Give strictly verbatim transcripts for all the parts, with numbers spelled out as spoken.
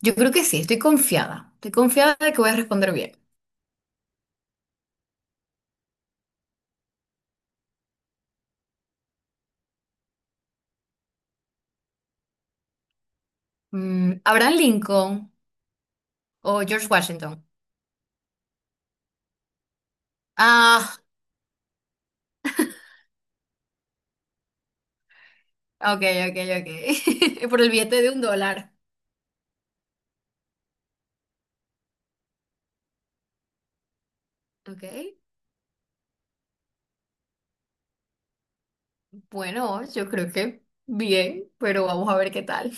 Yo creo que sí, estoy confiada. Estoy confiada de que voy a responder bien. Mm, ¿Abraham Lincoln o George Washington? Ah, ok, ok, ok. Por el billete de un dólar. Ok. Bueno, yo creo que bien, pero vamos a ver qué tal.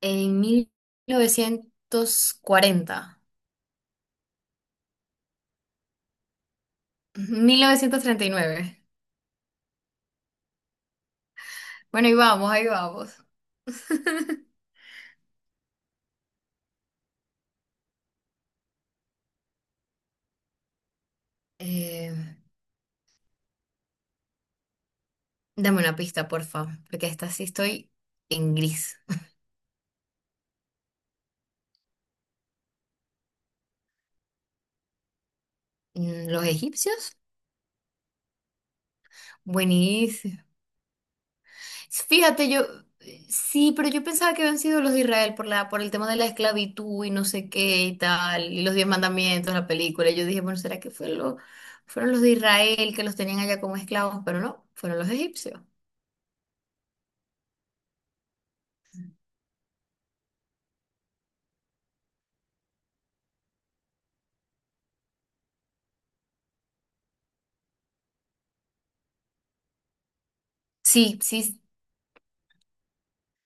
En mil mil novecientos novecientos cuarenta, mil novecientos treinta y nueve. Bueno, ahí vamos, ahí vamos. Eh, dame una pista, porfa, porque esta sí estoy en gris. Mm, ¿Los egipcios? Buenísimo. Fíjate, yo sí, pero yo pensaba que habían sido los de Israel por la, por el tema de la esclavitud y no sé qué y tal, y los diez mandamientos, la película. Yo dije, bueno, ¿será que fue lo- fueron los de Israel que los tenían allá como esclavos? Pero no, fueron los egipcios. Sí, sí,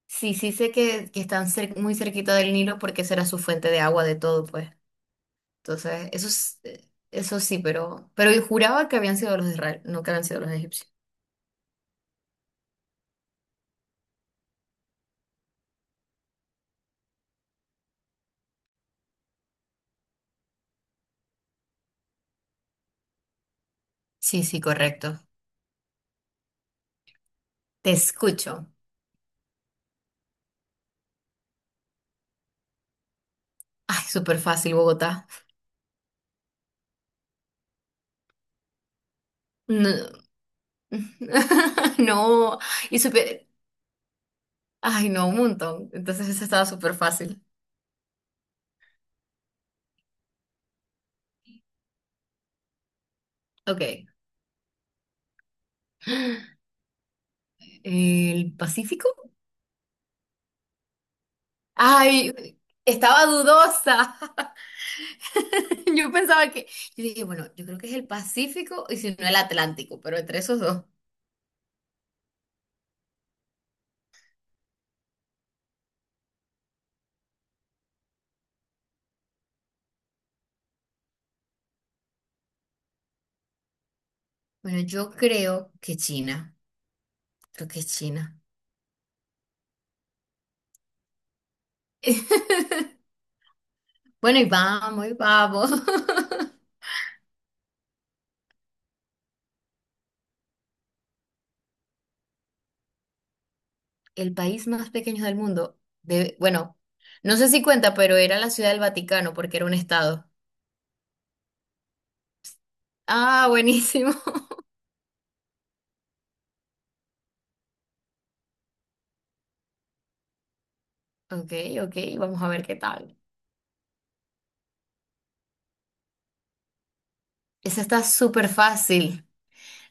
sí, sí sé que, que están cer- muy cerquita del Nilo porque esa era su fuente de agua de todo, pues. Entonces, eso, es- eh, eso sí, pero, pero yo juraba que habían sido los de Israel, no que habían sido los egipcios. Sí, sí, correcto. Te escucho. Ay, súper fácil, Bogotá. No. No, y super, ay, no, un montón. Entonces esa estaba súper fácil. Ok. ¿El Pacífico? Ay, estaba dudosa. Yo pensaba que, yo dije, bueno, yo creo que es el Pacífico y si no el Atlántico, pero entre esos dos. Bueno, yo creo que China. Creo que es China. Bueno, y vamos, y vamos. El país más pequeño del mundo. De, bueno, no sé si cuenta, pero era la Ciudad del Vaticano porque era un estado. Ah, buenísimo. Ok, ok, vamos a ver qué tal. Eso está súper fácil.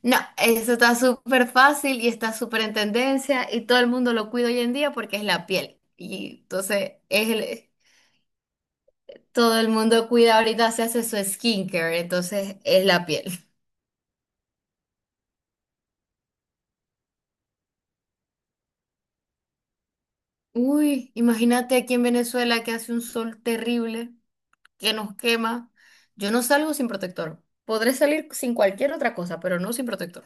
No, eso está súper fácil y está súper en tendencia y todo el mundo lo cuida hoy en día porque es la piel. Y entonces es el, todo el mundo cuida ahorita, se hace su skincare, entonces es la piel. Uy, imagínate aquí en Venezuela que hace un sol terrible, que nos quema. Yo no salgo sin protector. Podré salir sin cualquier otra cosa, pero no sin protector.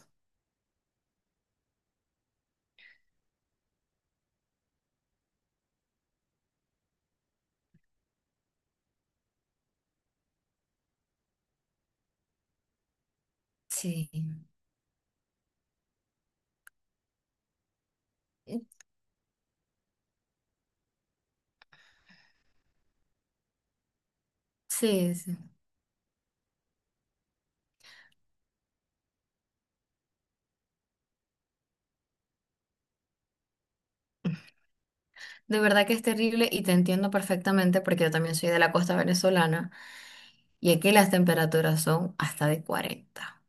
Sí. Sí, sí. De verdad que es terrible y te entiendo perfectamente porque yo también soy de la costa venezolana y aquí las temperaturas son hasta de cuarenta.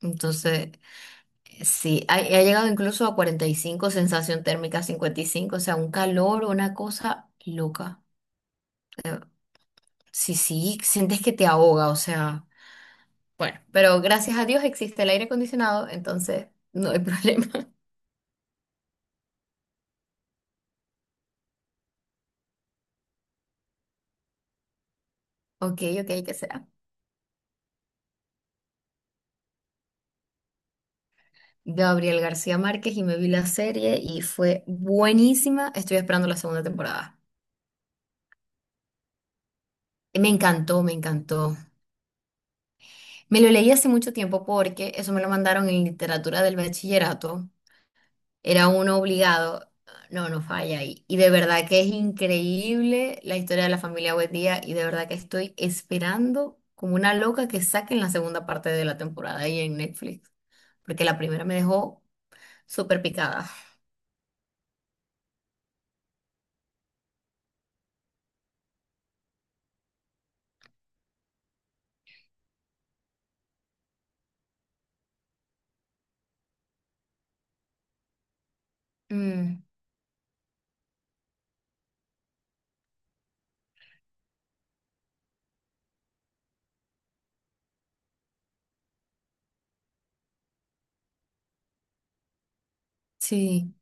Entonces, eh, sí, ha, ha llegado incluso a cuarenta y cinco, sensación térmica cincuenta y cinco, o sea, un calor, una cosa loca. Sí, sí, sientes que te ahoga, o sea, bueno, pero gracias a Dios existe el aire acondicionado, entonces no hay problema. Ok, ok, ¿qué será? Gabriel García Márquez y me vi la serie y fue buenísima. Estoy esperando la segunda temporada. Me encantó, me encantó. Me lo leí hace mucho tiempo porque eso me lo mandaron en literatura del bachillerato. Era uno obligado. No, no falla ahí. Y de verdad que es increíble la historia de la familia Buendía y de verdad que estoy esperando como una loca que saquen la segunda parte de la temporada ahí en Netflix, porque la primera me dejó súper picada. Mm, sí,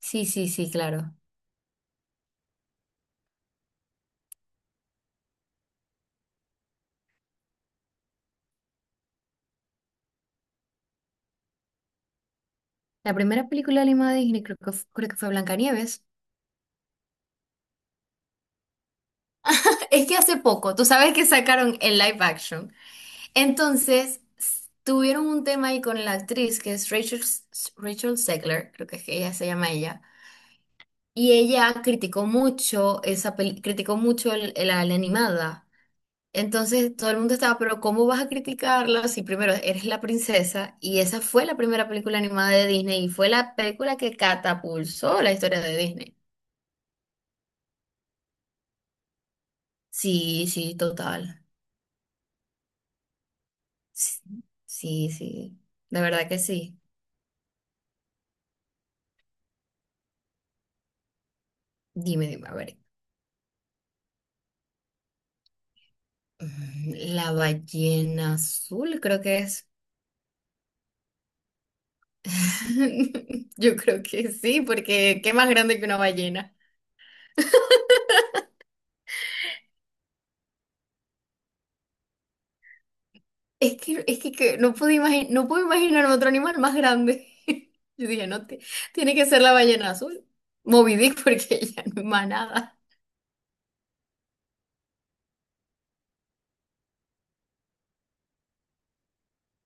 sí, sí, sí, claro. La primera película animada de Disney creo que, f- creo que fue Blancanieves. Es que hace poco, tú sabes que sacaron el live action. Entonces, s- tuvieron un tema ahí con la actriz que es Rachel, S- Rachel Zegler, creo que es que ella se llama ella. Y ella criticó mucho esa peli- criticó mucho el- el- la, la animada. Entonces, todo el mundo estaba, pero ¿cómo vas a criticarla si primero eres la princesa? Y esa fue la primera película animada de Disney y fue la película que catapulsó la historia de Disney. Sí, sí, total. Sí, sí, sí. De verdad que sí. Dime, dime, a ver. Mm, La ballena azul, creo que es. Yo creo que sí, porque qué más grande que una ballena. Es que, es que, que no pude imaginar, no puedo imaginar otro animal más grande. Yo dije, no, ti- tiene que ser la ballena azul. Moby Dick, porque ya no es más nada.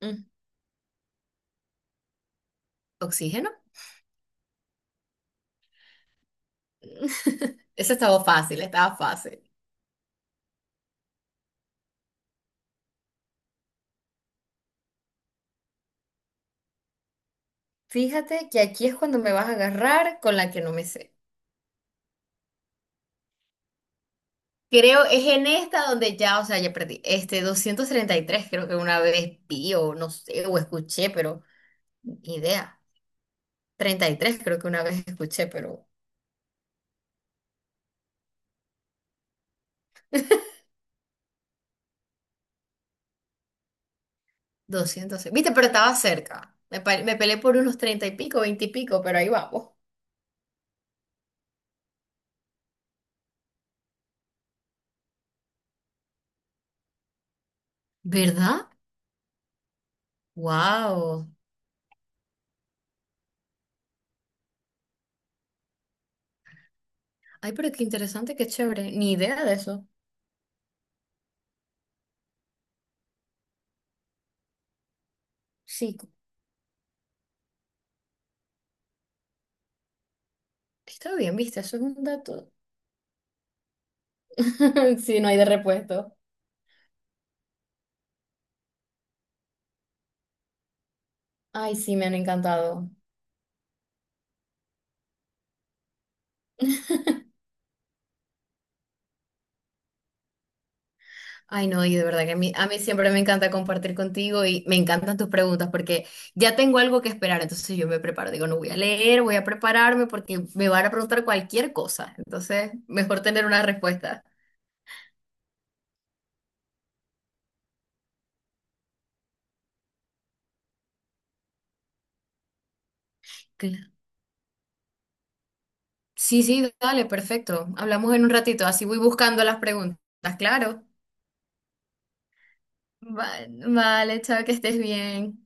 Mm, ¿Oxígeno? Ese estaba fácil, estaba fácil. Fíjate que aquí es cuando me vas a agarrar con la que no me sé. Creo es en esta donde ya, o sea, ya perdí. Este doscientos treinta y tres creo que una vez vi o no sé, o escuché, pero ni idea. Treinta y tres creo que una vez escuché, pero doscientos. Viste, pero estaba cerca. Me, pa- me peleé por unos treinta y pico, veinte y pico, pero ahí vamos. ¿Verdad? Wow. Ay, pero qué interesante, qué chévere. Ni idea de eso. Sí, está bien, viste, eso es un dato. Sí, no hay de repuesto. Ay, sí, me han encantado. Ay, no, y de verdad que a mí, a mí siempre me encanta compartir contigo y me encantan tus preguntas porque ya tengo algo que esperar, entonces yo me preparo, digo, no voy a leer, voy a prepararme porque me van a preguntar cualquier cosa, entonces mejor tener una respuesta. Cla- Sí, sí, dale, perfecto. Hablamos en un ratito, así voy buscando las preguntas, claro. Va- Vale, chao, que estés bien.